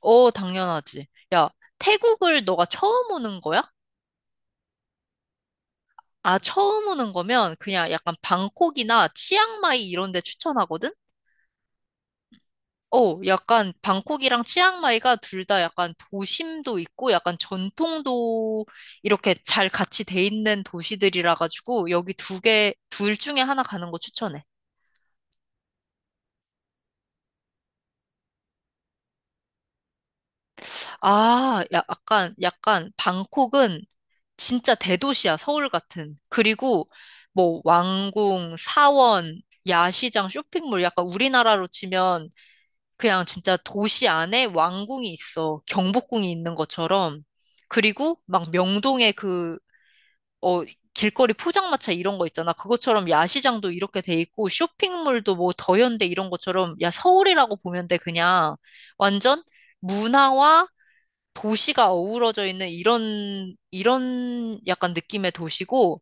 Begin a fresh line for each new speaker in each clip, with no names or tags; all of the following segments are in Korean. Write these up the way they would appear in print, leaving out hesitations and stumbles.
당연하지. 야, 태국을 너가 처음 오는 거야? 아, 처음 오는 거면 그냥 약간 방콕이나 치앙마이 이런 데 추천하거든? 약간 방콕이랑 치앙마이가 둘 다 약간 도심도 있고 약간 전통도 이렇게 잘 같이 돼 있는 도시들이라 가지고 여기 두 개, 둘 중에 하나 가는 거 추천해. 아, 야, 약간 방콕은 진짜 대도시야, 서울 같은. 그리고 뭐 왕궁, 사원, 야시장, 쇼핑몰 약간 우리나라로 치면 그냥 진짜 도시 안에 왕궁이 있어. 경복궁이 있는 것처럼. 그리고 막 명동에 어, 길거리 포장마차 이런 거 있잖아. 그것처럼 야시장도 이렇게 돼 있고 쇼핑몰도 뭐 더현대 이런 것처럼 야, 서울이라고 보면 돼. 그냥 완전 문화와 도시가 어우러져 있는 이런 약간 느낌의 도시고,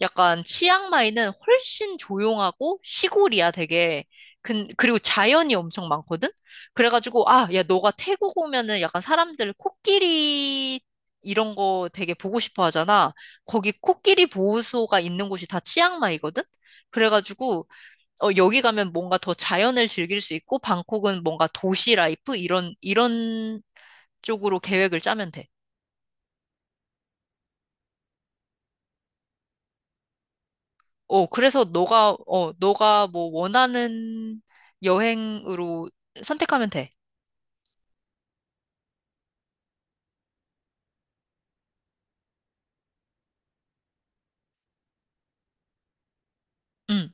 약간 치앙마이는 훨씬 조용하고 시골이야, 되게. 그리고 자연이 엄청 많거든? 그래가지고, 아, 야, 너가 태국 오면은 약간 사람들 코끼리 이런 거 되게 보고 싶어 하잖아. 거기 코끼리 보호소가 있는 곳이 다 치앙마이거든? 그래가지고, 여기 가면 뭔가 더 자연을 즐길 수 있고, 방콕은 뭔가 도시 라이프? 이런 쪽으로 계획을 짜면 돼. 어, 그래서 너가 뭐 원하는 여행으로 선택하면 돼. 응.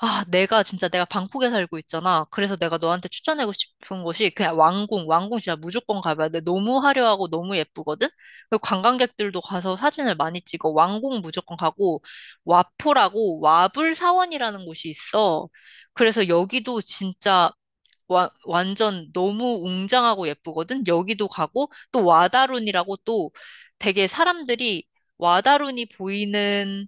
아, 내가 진짜 내가 방콕에 살고 있잖아. 그래서 내가 너한테 추천하고 싶은 곳이 그냥 왕궁. 왕궁 진짜 무조건 가봐야 돼. 너무 화려하고 너무 예쁘거든? 그리고 관광객들도 가서 사진을 많이 찍어. 왕궁 무조건 가고, 와포라고 와불사원이라는 곳이 있어. 그래서 여기도 진짜 완전 너무 웅장하고 예쁘거든? 여기도 가고, 또 와다룬이라고 또 되게 사람들이 와다룬이 보이는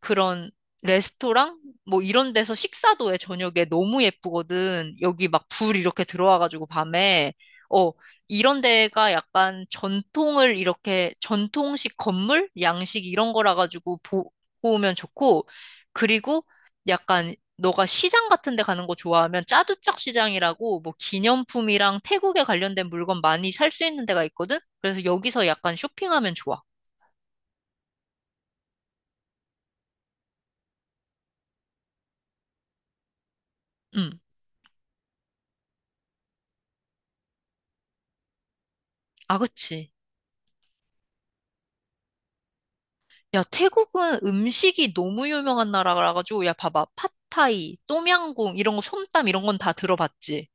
그런 레스토랑? 뭐 이런 데서 식사도 해, 저녁에. 너무 예쁘거든. 여기 막 불 이렇게 들어와가지고 밤에. 어, 이런 데가 약간 전통을 전통식 건물? 양식 이런 거라 가지고 보고 오면 좋고, 그리고 약간 너가 시장 같은 데 가는 거 좋아하면 짜두짝 시장이라고 뭐 기념품이랑 태국에 관련된 물건 많이 살 수 있는 데가 있거든? 그래서 여기서 약간 쇼핑하면 좋아. 음. 아, 그치. 야, 태국은 음식이 너무 유명한 나라라 가지고 야, 봐봐. 팟타이, 똠양궁 이런 거 솜땀 이런 건 다 들어봤지.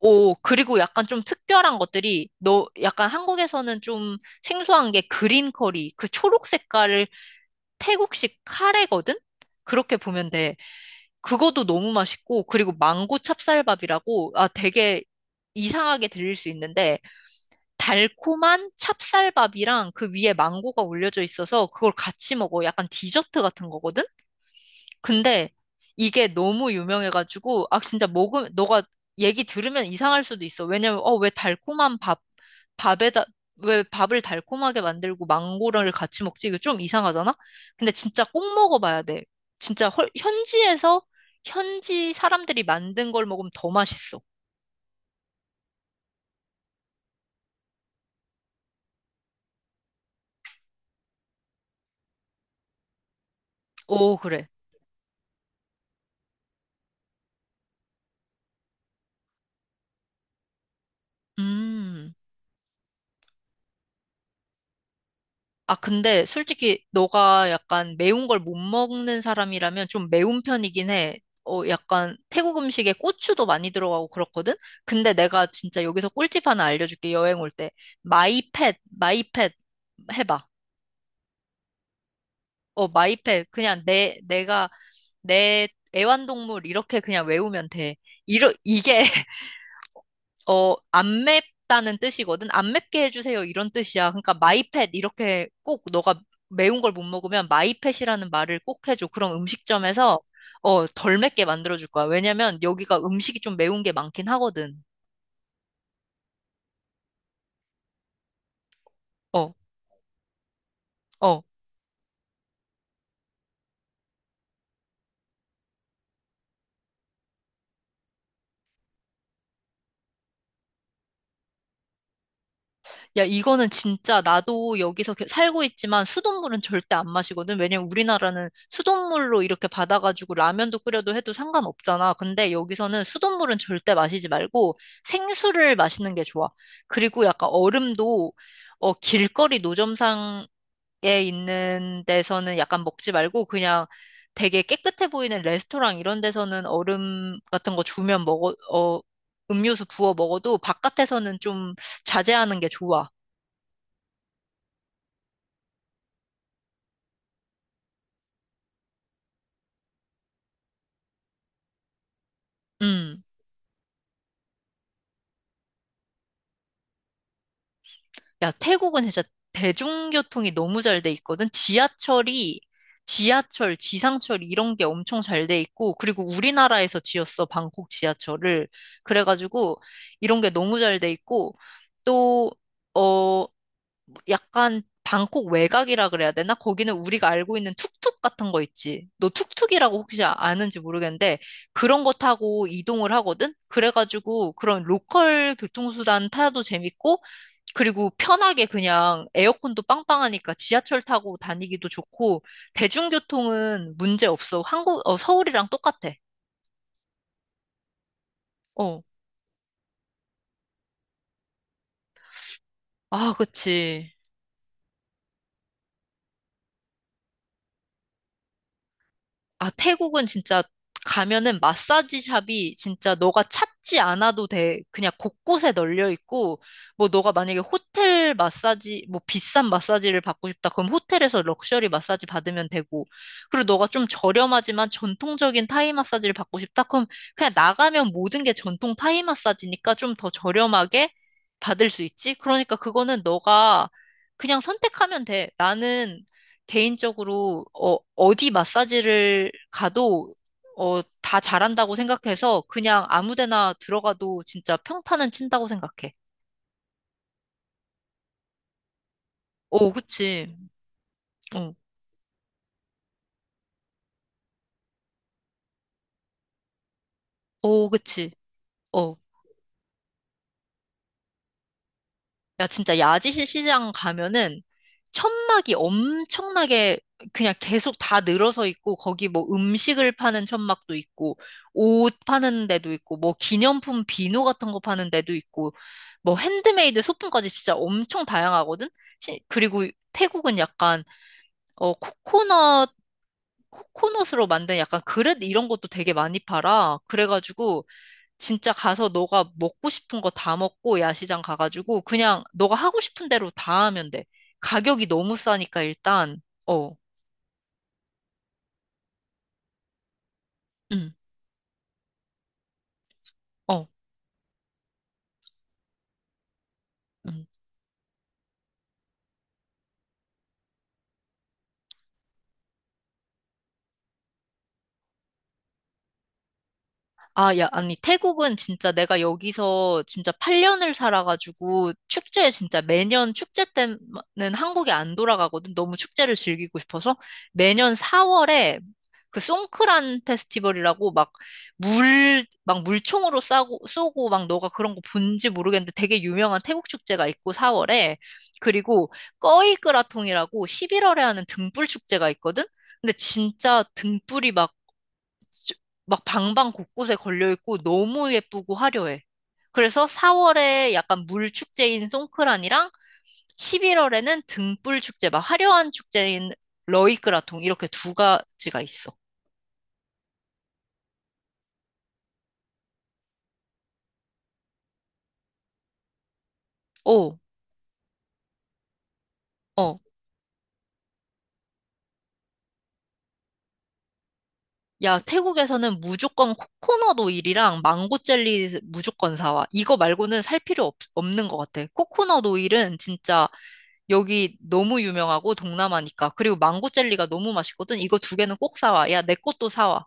오, 그리고 약간 좀 특별한 것들이 너 약간 한국에서는 좀 생소한 게 그린 커리, 그 초록 색깔을 태국식 카레거든? 그렇게 보면 돼. 그것도 너무 맛있고, 그리고 망고 찹쌀밥이라고, 아, 되게 이상하게 들릴 수 있는데, 달콤한 찹쌀밥이랑 그 위에 망고가 올려져 있어서 그걸 같이 먹어. 약간 디저트 같은 거거든? 근데 이게 너무 유명해가지고, 아, 진짜 먹으면, 너가 얘기 들으면 이상할 수도 있어. 왜냐면, 왜 달콤한 밥에다, 왜 밥을 달콤하게 만들고 망고를 같이 먹지? 이거 좀 이상하잖아? 근데 진짜 꼭 먹어봐야 돼. 진짜 현지에서, 현지 사람들이 만든 걸 먹으면 더 맛있어. 오, 그래. 음. 아, 근데 솔직히 너가 약간 매운 걸 못 먹는 사람이라면 좀 매운 편이긴 해. 약간 태국 음식에 고추도 많이 들어가고 그렇거든? 근데 내가 진짜 여기서 꿀팁 하나 알려줄게, 여행 올 때. 마이펫, 마이펫 해봐. 어, 마이펫. 그냥 내 애완동물 이렇게 그냥 외우면 돼. 이게 어, 안 맵다는 뜻이거든. 안 맵게 해주세요. 이런 뜻이야. 그러니까 마이펫 이렇게 꼭 너가 매운 걸 못 먹으면 마이펫이라는 말을 꼭 해줘. 그럼 음식점에서 덜 맵게 만들어줄 거야. 왜냐면 여기가 음식이 좀 매운 게 많긴 하거든. 어, 어. 야, 이거는 진짜 나도 여기서 살고 있지만 수돗물은 절대 안 마시거든. 왜냐면 우리나라는 수돗물로 이렇게 받아가지고 라면도 끓여도 해도 상관없잖아. 근데 여기서는 수돗물은 절대 마시지 말고 생수를 마시는 게 좋아. 그리고 약간 얼음도 어, 길거리 노점상에 있는 데서는 약간 먹지 말고 그냥 되게 깨끗해 보이는 레스토랑 이런 데서는 얼음 같은 거 주면 먹어, 어, 음료수 부어 먹어도 바깥에서는 좀 자제하는 게 좋아. 음. 야, 태국은 진짜 대중교통이 너무 잘 돼 있거든. 지하철, 지상철 이런 게 엄청 잘 돼 있고, 그리고 우리나라에서 지었어, 방콕 지하철을. 그래가지고, 이런 게 너무 잘 돼 있고, 또, 어, 약간 방콕 외곽이라 그래야 되나? 거기는 우리가 알고 있는 툭툭 같은 거 있지. 너 툭툭이라고 혹시 아는지 모르겠는데 그런 거 타고 이동을 하거든? 그래가지고 그런 로컬 교통수단 타도 재밌고 그리고 편하게 그냥 에어컨도 빵빵하니까 지하철 타고 다니기도 좋고 대중교통은 문제 없어. 서울이랑 똑같아. 어. 아, 그치. 아, 태국은 진짜 가면은 마사지 샵이 진짜 너가 찾지 않아도 돼. 그냥 곳곳에 널려 있고, 뭐 너가 만약에 호텔 마사지, 뭐 비싼 마사지를 받고 싶다. 그럼 호텔에서 럭셔리 마사지 받으면 되고, 그리고 너가 좀 저렴하지만 전통적인 타이 마사지를 받고 싶다. 그럼 그냥 나가면 모든 게 전통 타이 마사지니까 좀 더 저렴하게 받을 수 있지? 그러니까 그거는 너가 그냥 선택하면 돼. 나는 개인적으로 어디 마사지를 가도 다 잘한다고 생각해서 그냥 아무 데나 들어가도 진짜 평타는 친다고 생각해. 오, 그치. 어, 오, 그치. 어. 야, 진짜 야지시 시장 가면은 천막이 엄청나게 그냥 계속 다 늘어서 있고, 거기 뭐 음식을 파는 천막도 있고, 옷 파는 데도 있고, 뭐 기념품 비누 같은 거 파는 데도 있고, 뭐 핸드메이드 소품까지 진짜 엄청 다양하거든? 그리고 태국은 어, 코코넛, 코코넛으로 만든 약간 그릇 이런 것도 되게 많이 팔아. 그래가지고, 진짜 가서 너가 먹고 싶은 거 다 먹고 야시장 가가지고 그냥 너가 하고 싶은 대로 다 하면 돼. 가격이 너무 싸니까 일단 어, 응, 어, 응. 아, 야, 아니 태국은 진짜 내가 여기서 진짜 8년을 살아가지고 축제 진짜 매년 축제 때는 한국에 안 돌아가거든. 너무 축제를 즐기고 싶어서 매년 4월에 그 송크란 페스티벌이라고 막 물총으로 쏘고 막 너가 그런 거 본지 모르겠는데 되게 유명한 태국 축제가 있고 4월에 그리고 꺼이끄라통이라고 11월에 하는 등불 축제가 있거든? 근데 진짜 등불이 막, 쭈- 막 방방 곳곳에 걸려 있고 너무 예쁘고 화려해. 그래서 4월에 약간 물 축제인 송크란이랑 11월에는 등불 축제, 막 화려한 축제인 러이끄라통 이렇게 두 가지가 있어. 오. 어. 야, 태국에서는 무조건 코코넛 오일이랑 망고 젤리 무조건 사와. 이거 말고는 살 필요 없는 것 같아. 코코넛 오일은 진짜 여기 너무 유명하고 동남아니까. 그리고 망고 젤리가 너무 맛있거든. 이거 두 개는 꼭 사와. 야, 내 것도 사와.